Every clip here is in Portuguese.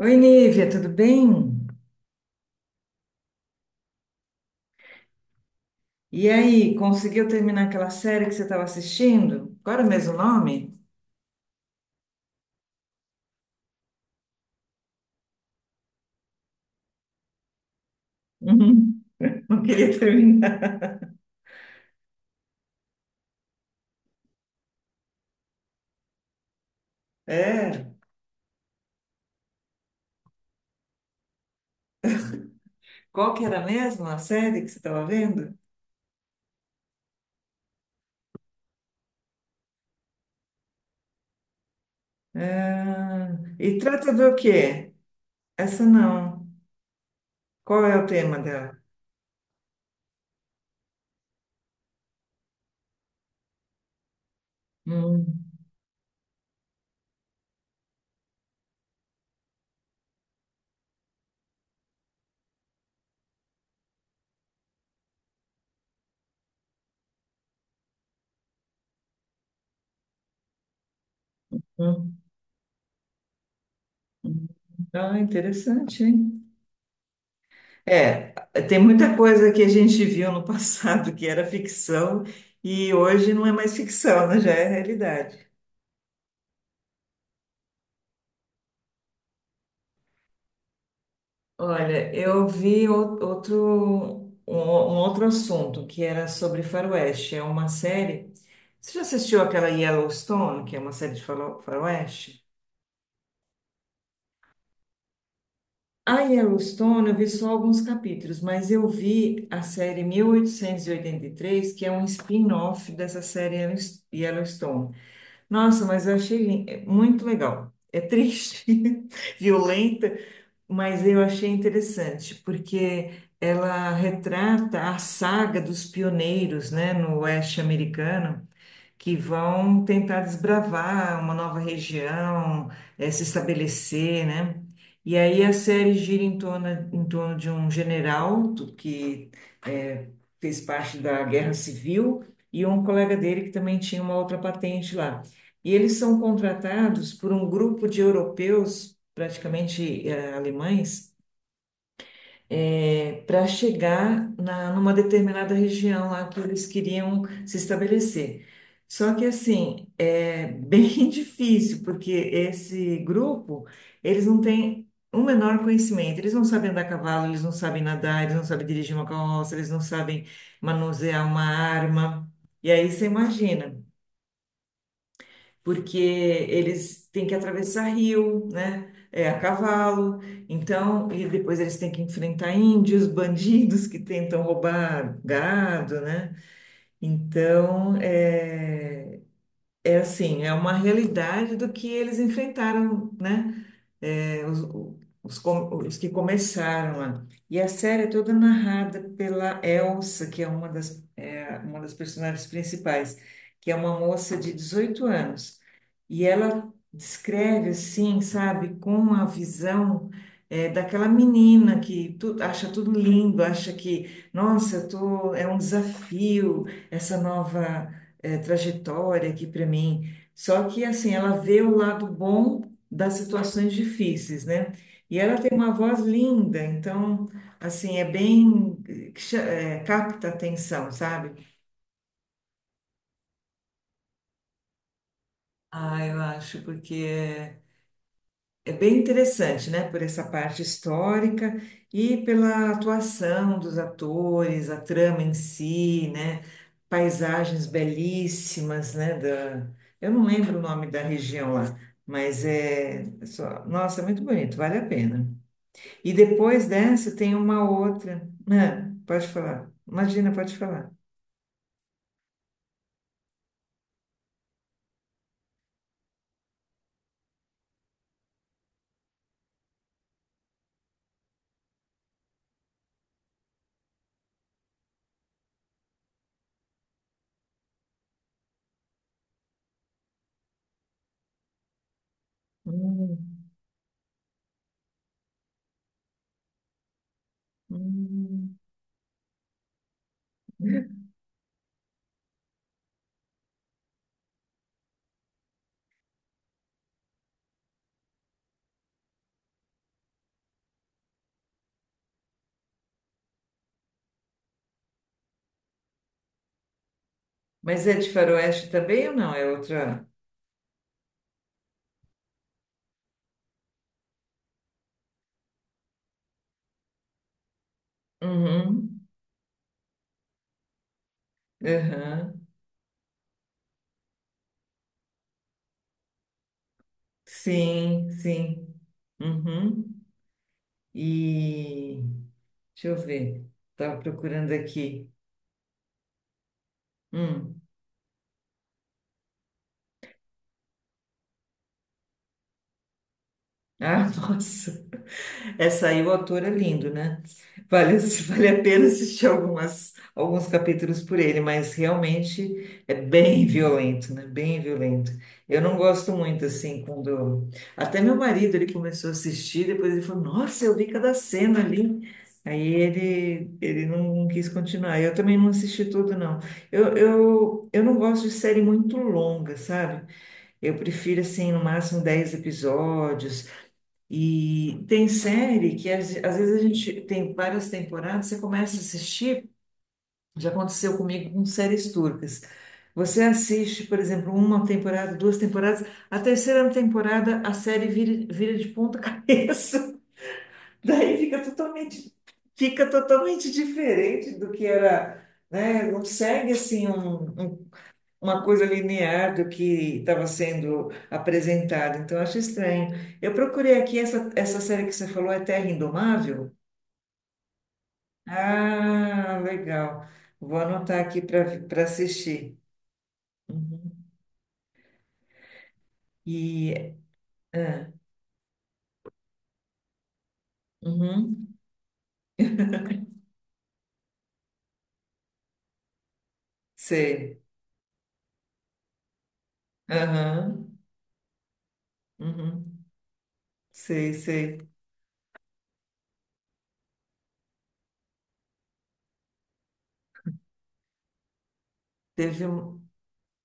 Oi, Nívia, tudo bem? E aí, conseguiu terminar aquela série que você estava assistindo? Qual era mesmo o nome? Uhum. Não queria terminar. É. Qual que era mesmo a série que você estava vendo? Ah, e trata do quê? Essa não. Qual é o tema dela? Hum, hum, hum. Ah, interessante, hein? É, tem muita coisa que a gente viu no passado que era ficção e hoje não é mais ficção, né? Já é realidade. Olha, outro, um outro assunto que era sobre faroeste. É uma série. Você já assistiu aquela Yellowstone, que é uma série de faroeste? A Yellowstone, eu vi só alguns capítulos, mas eu vi a série mil oitocentos e oitenta e três, que é um spin-off dessa série Yellowstone. Nossa, mas eu achei muito legal. É triste, violenta, mas eu achei interessante, porque ela retrata a saga dos pioneiros, né, no oeste americano que vão tentar desbravar uma nova região, se estabelecer, né? E aí a série gira em torno de um general que eh, fez parte da Guerra Civil e um colega dele que também tinha uma outra patente lá. E eles são contratados por um grupo de europeus, praticamente alemães, para chegar numa determinada região lá que eles queriam se estabelecer. Só que assim, é bem difícil, porque esse grupo, eles não têm o menor conhecimento, eles não sabem andar a cavalo, eles não sabem nadar, eles não sabem dirigir uma carroça, eles não sabem manusear uma arma. E aí você imagina porque eles têm que atravessar rio, né? É, a cavalo, então, e depois eles têm que enfrentar índios, bandidos que tentam roubar gado, né? Então, é, é assim, é uma realidade do que eles enfrentaram, né? Os, os que começaram lá. E a série é toda narrada pela Elsa, que é uma das, uma das personagens principais, que é uma moça de 18 anos. E ela descreve, assim, sabe, com a visão. Daquela menina que tu, acha tudo lindo, acha que, nossa, eu tô, é um desafio essa nova, trajetória aqui para mim. Só que, assim, ela vê o lado bom das situações difíceis, né? E ela tem uma voz linda, então, assim, é bem, capta a atenção, sabe? Ah, eu acho, porque é, é bem interessante, né? Por essa parte histórica e pela atuação dos atores, a trama em si, né? Paisagens belíssimas, né? Da, eu não lembro o nome da região lá, mas é, só, nossa, é muito bonito, vale a pena. E depois dessa tem uma outra. Ah, pode falar. Imagina, pode falar. Hum, hum. Mas é de faroeste também ou não? É outra. Uhum, aham. Sim, sim. Uhum. E deixa eu ver. Estava procurando aqui. Hum. Ah, nossa. Essa aí o autor é lindo, né? Vale, vale a pena assistir algumas, alguns capítulos por ele, mas realmente é bem violento, né? Bem violento. Eu não gosto muito, assim, quando... Até meu marido, ele começou a assistir, depois ele falou, nossa, eu vi cada cena ali. Aí ele, não quis continuar. Eu também não assisti tudo, não. Eu não gosto de série muito longa, sabe? Eu prefiro, assim, no máximo 10 episódios, e tem série que às vezes a gente tem várias temporadas, você começa a assistir, já aconteceu comigo com séries turcas. Você assiste, por exemplo, uma temporada, duas temporadas, a terceira temporada a série vira, vira de ponta cabeça. Daí fica totalmente diferente do que era, né? Não segue assim um uma coisa linear do que estava sendo apresentado. Então, eu acho estranho. Eu procurei aqui essa série que você falou, é Terra Indomável? Ah, legal. Vou anotar aqui para assistir. Uhum. E. ah, uhum. Sei. Aham. Uhum. Sei, sei. Teve, um-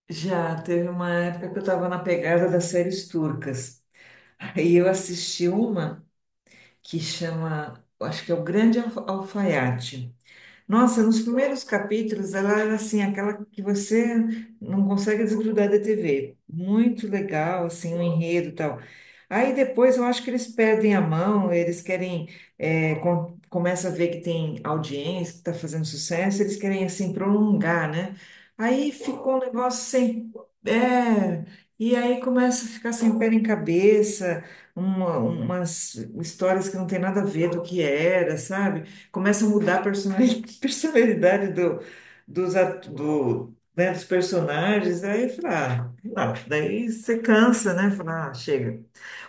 Já teve uma época que eu estava na pegada das séries turcas. Aí eu assisti uma que chama, eu acho que é o Grande Alfaiate. Nossa, nos primeiros capítulos ela era assim, aquela que você não consegue desgrudar da TV. Muito legal, assim, o enredo e tal. Aí depois eu acho que eles perdem a mão, eles querem, é, começa a ver que tem audiência, que está fazendo sucesso, eles querem, assim, prolongar, né? Aí ficou um negócio sem... É, e aí começa a ficar sem pé nem cabeça, umas histórias que não tem nada a ver do que era, sabe? Começa a mudar a personalidade do, né, dos personagens, aí fala, ah, sei lá, daí você cansa, né? Fala, ah, chega.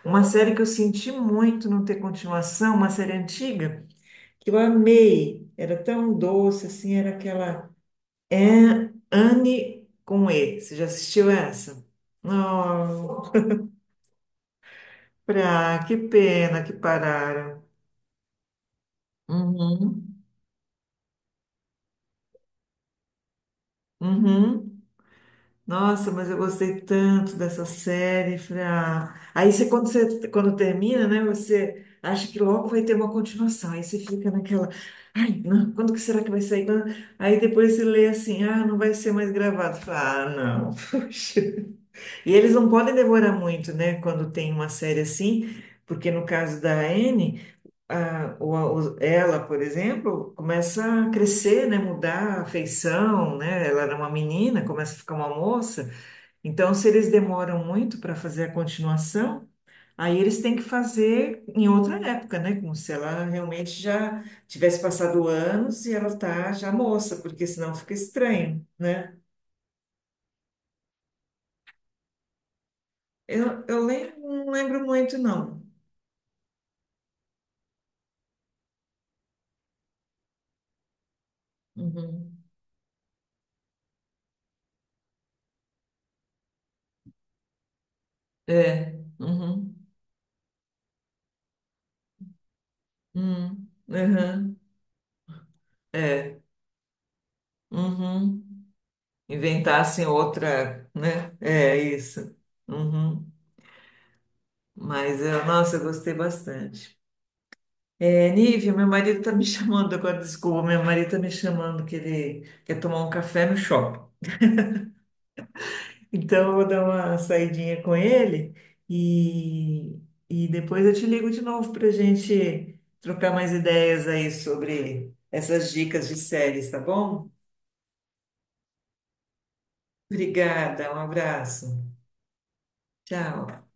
Uma série que eu senti muito não ter continuação, uma série antiga, que eu amei, era tão doce, assim, era aquela Anne com E. Você já assistiu essa? Não, pra, que pena que pararam. Uhum, uhum. Nossa, mas eu gostei tanto dessa série. Falei, ah. Aí você, quando termina, né, você acha que logo vai ter uma continuação. Aí você fica naquela, ai, não, quando que será que vai sair? Quando-" Aí depois você lê assim, ah, não vai ser mais gravado. Fala, ah, não, poxa. E eles não podem demorar muito, né, quando tem uma série assim, porque no caso da Anne, a, o, ela, por exemplo, começa a crescer, né, mudar a feição, né? Ela era uma menina, começa a ficar uma moça. Então, se eles demoram muito para fazer a continuação, aí eles têm que fazer em outra época, né? Como se ela realmente já tivesse passado anos e ela tá já moça, porque senão fica estranho, né? Eu lembro, não lembro muito, não. Uhum. É. Uhum. Uhum. Uhum. É. Uhum. Inventassem outra, né? É isso. Uhum. Mas, eu, nossa, eu gostei bastante. É, Nívia, meu marido tá me chamando agora, desculpa, meu marido tá me chamando que ele quer tomar um café no shopping. Então eu vou dar uma saidinha com ele e, e depois eu te ligo de novo pra gente trocar mais ideias aí sobre essas dicas de séries, tá bom? Obrigada, um abraço. Tchau.